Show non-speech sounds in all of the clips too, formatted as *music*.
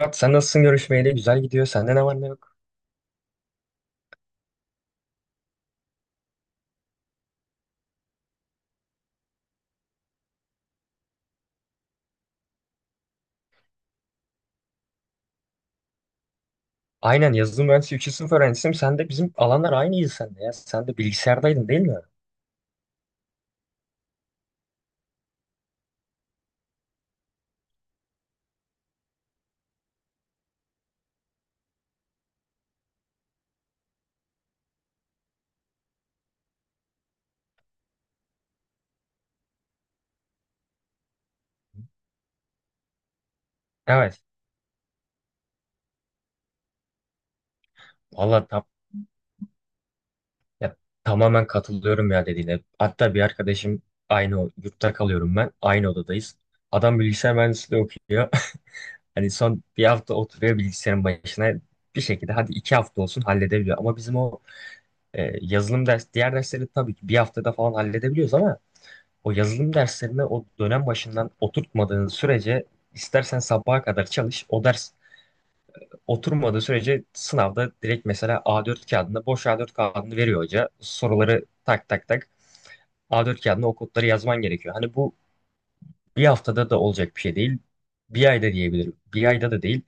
Murat, sen nasılsın görüşmeyle? Güzel gidiyor. Sende ne var ne yok? Aynen, yazılım mühendisi üçüncü sınıf öğrencisiyim. Sen de bizim alanlar aynıydı sende ya. Sen de bilgisayardaydın değil mi? Evet. Valla ya, tamamen katılıyorum ya dediğine. Hatta bir arkadaşım, yurtta kalıyorum ben. Aynı odadayız. Adam bilgisayar mühendisliği okuyor. *laughs* Hani son bir hafta oturuyor bilgisayarın başına. Bir şekilde hadi iki hafta olsun halledebiliyor. Ama bizim o, diğer dersleri tabii ki bir haftada falan halledebiliyoruz ama o yazılım derslerine o dönem başından oturtmadığın sürece istersen sabaha kadar çalış. O ders oturmadığı sürece sınavda direkt, mesela, A4 kağıdında, boş A4 kağıdını veriyor hoca. Soruları tak tak tak, A4 kağıdına o kodları yazman gerekiyor. Hani bu bir haftada da olacak bir şey değil. Bir ayda diyebilirim. Bir ayda da değil.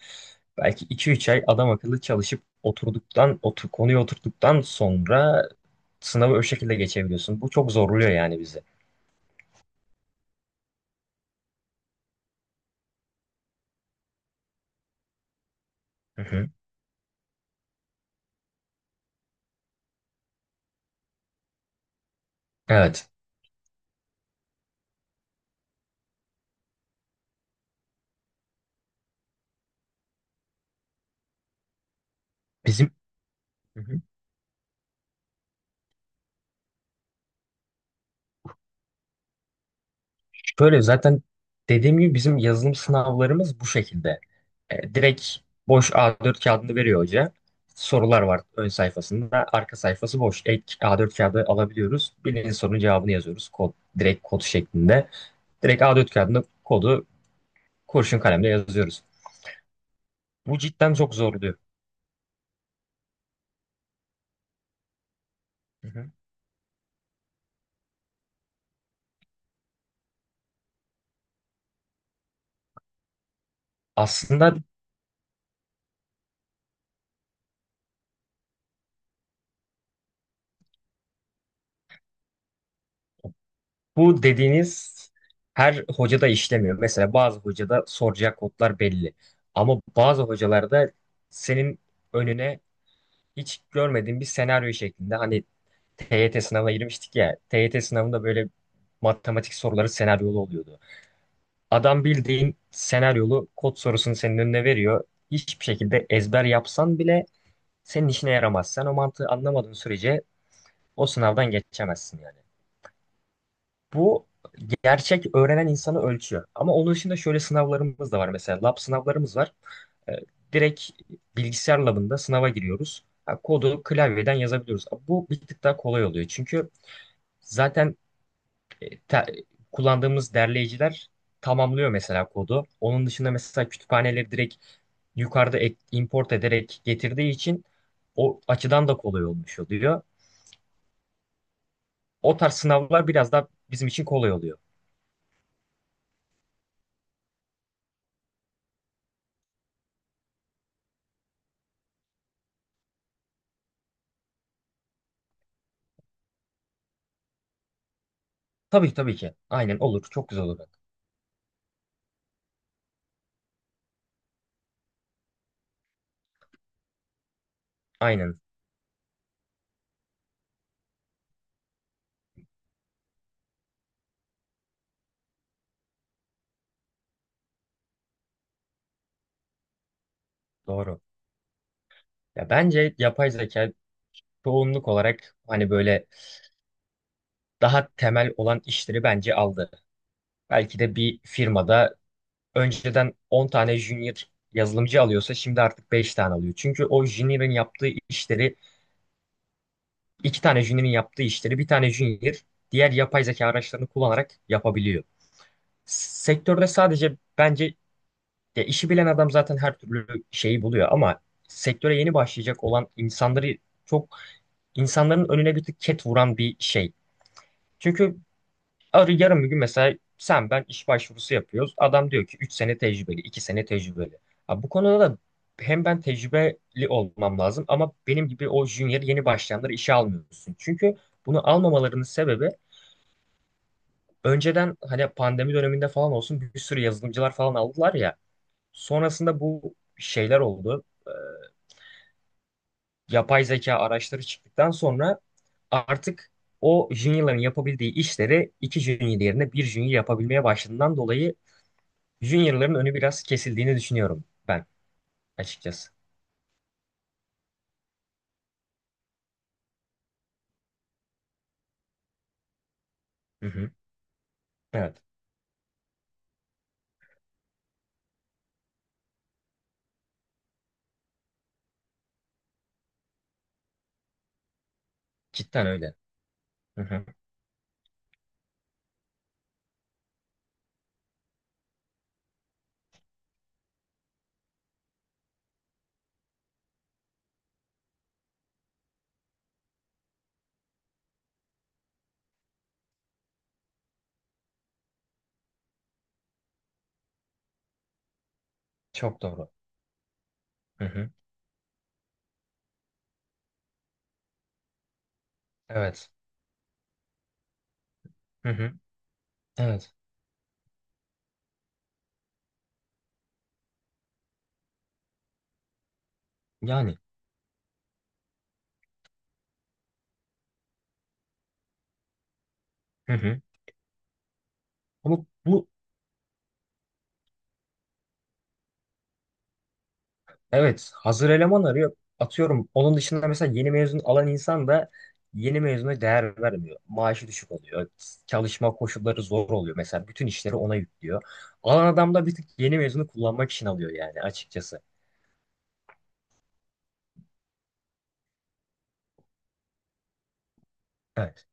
Belki iki üç ay adam akıllı çalışıp oturduktan, konuyu oturttuktan sonra sınavı o şekilde geçebiliyorsun. Bu çok zorluyor yani bizi. Hı hı. Evet. Bizim Şöyle zaten, dediğim gibi, bizim yazılım sınavlarımız bu şekilde. Direkt boş A4 kağıdını veriyor hoca. Sorular var ön sayfasında. Arka sayfası boş. Ek A4 kağıdı alabiliyoruz. Bilinen sorunun cevabını yazıyoruz. Kod, direkt kod şeklinde. Direkt A4 kağıdında kodu kurşun kalemle yazıyoruz. Bu cidden çok zordu. Hı hı. Aslında bu dediğiniz her hocada işlemiyor. Mesela bazı hocada soracak kodlar belli. Ama bazı hocalarda senin önüne hiç görmediğim bir senaryo şeklinde, hani, TYT sınavına girmiştik ya, TYT sınavında böyle matematik soruları senaryolu oluyordu. Adam bildiğin senaryolu kod sorusunu senin önüne veriyor. Hiçbir şekilde ezber yapsan bile senin işine yaramaz. Sen o mantığı anlamadığın sürece o sınavdan geçemezsin yani. Bu gerçek öğrenen insanı ölçüyor. Ama onun dışında şöyle sınavlarımız da var mesela. Lab sınavlarımız var. E, direkt bilgisayar labında sınava giriyoruz. Ha, kodu klavyeden yazabiliyoruz. Bu bir tık daha kolay oluyor. Çünkü zaten, e, te- kullandığımız derleyiciler tamamlıyor mesela kodu. Onun dışında mesela kütüphaneleri direkt yukarıda import ederek getirdiği için o açıdan da kolay olmuş oluyor. O tarz sınavlar biraz daha bizim için kolay oluyor. Tabii, tabii ki. Aynen, olur. Çok güzel olur. Aynen. Doğru. Ya bence yapay zeka çoğunluk olarak, hani, böyle daha temel olan işleri bence aldı. Belki de bir firmada önceden 10 tane junior yazılımcı alıyorsa şimdi artık 5 tane alıyor. Çünkü o junior'ın yaptığı işleri, iki tane junior'ın yaptığı işleri bir tane junior diğer yapay zeka araçlarını kullanarak yapabiliyor. Sektörde sadece, bence, ya işi bilen adam zaten her türlü şeyi buluyor ama sektöre yeni başlayacak olan insanları, çok insanların önüne bir tık ket vuran bir şey. Çünkü yarın bir gün, mesela, sen ben iş başvurusu yapıyoruz. Adam diyor ki 3 sene tecrübeli, 2 sene tecrübeli. Ha, bu konuda da hem ben tecrübeli olmam lazım ama benim gibi o junior yeni başlayanları işe almıyorsun. Çünkü bunu almamalarının sebebi, önceden, hani, pandemi döneminde falan olsun bir sürü yazılımcılar falan aldılar ya. Sonrasında bu şeyler oldu. Yapay zeka araçları çıktıktan sonra artık o juniorların yapabildiği işleri iki junior yerine bir junior yapabilmeye başladığından dolayı junior'ların önü biraz kesildiğini düşünüyorum ben açıkçası. Hı hı. Evet. Cidden öyle. Hı hı. Çok doğru. Hı hı. Evet. Hı hı. Evet. Yani. Hı hı. Ama bu, evet, hazır eleman arıyor. Atıyorum. Onun dışında mesela yeni mezun alan insan da yeni mezuna değer vermiyor. Maaşı düşük oluyor. Çalışma koşulları zor oluyor. Mesela bütün işleri ona yüklüyor. Alan adam da bir tık yeni mezunu kullanmak için alıyor yani açıkçası. Evet.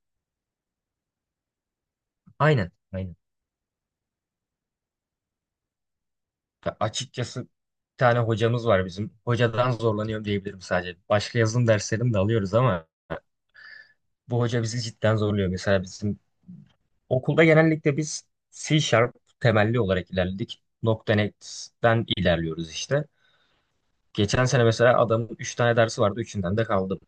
Aynen. Aynen. Ya, açıkçası, bir tane hocamız var bizim. Hocadan zorlanıyorum diyebilirim sadece. Başka yazılım derslerini de alıyoruz ama bu hoca bizi cidden zorluyor. Mesela bizim okulda genellikle biz C# temelli olarak ilerledik. .NET'den ilerliyoruz işte. Geçen sene mesela adamın 3 tane dersi vardı. Üçünden de kaldım.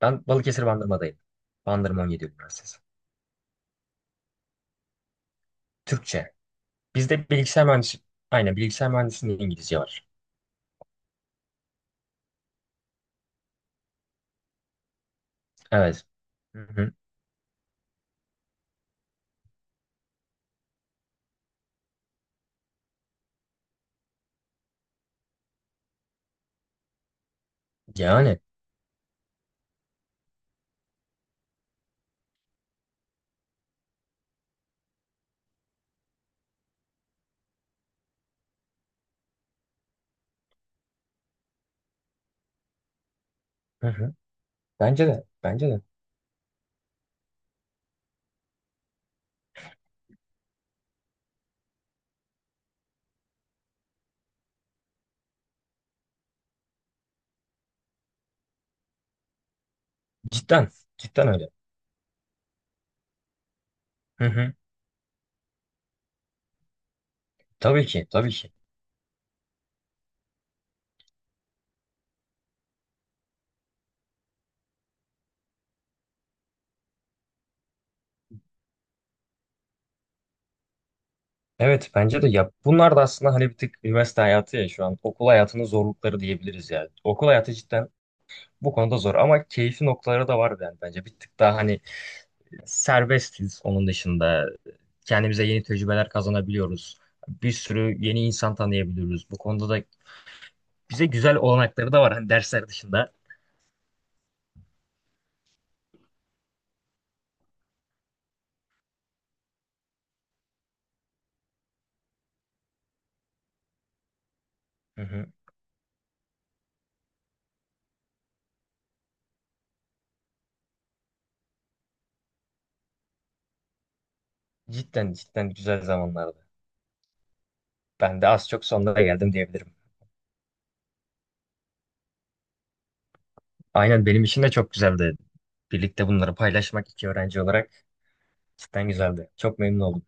Ben Balıkesir Bandırma'dayım. Bandırma 17 Üniversitesi. Türkçe. Bizde bilgisayar mühendisi, aynen, bilgisayar mühendisliğinde İngilizce var. Evet. Hı hı. Yani. Hı hı. Bence de. Bence de. Cidden, cidden öyle. Hı hı. Tabii ki, tabii ki. Evet, bence de ya, bunlar da aslında, hani, bir tık üniversite hayatı, ya şu an okul hayatının zorlukları diyebiliriz yani. Okul hayatı cidden bu konuda zor ama keyfi noktaları da var yani bence. Bir tık daha, hani, serbestiz onun dışında. Kendimize yeni tecrübeler kazanabiliyoruz. Bir sürü yeni insan tanıyabiliyoruz. Bu konuda da bize güzel olanakları da var, hani, dersler dışında. Hı hı. Cidden, cidden güzel zamanlardı. Ben de az çok sonlara geldim diyebilirim. Aynen, benim için de çok güzeldi. Birlikte bunları paylaşmak iki öğrenci olarak cidden güzeldi. Çok memnun oldum.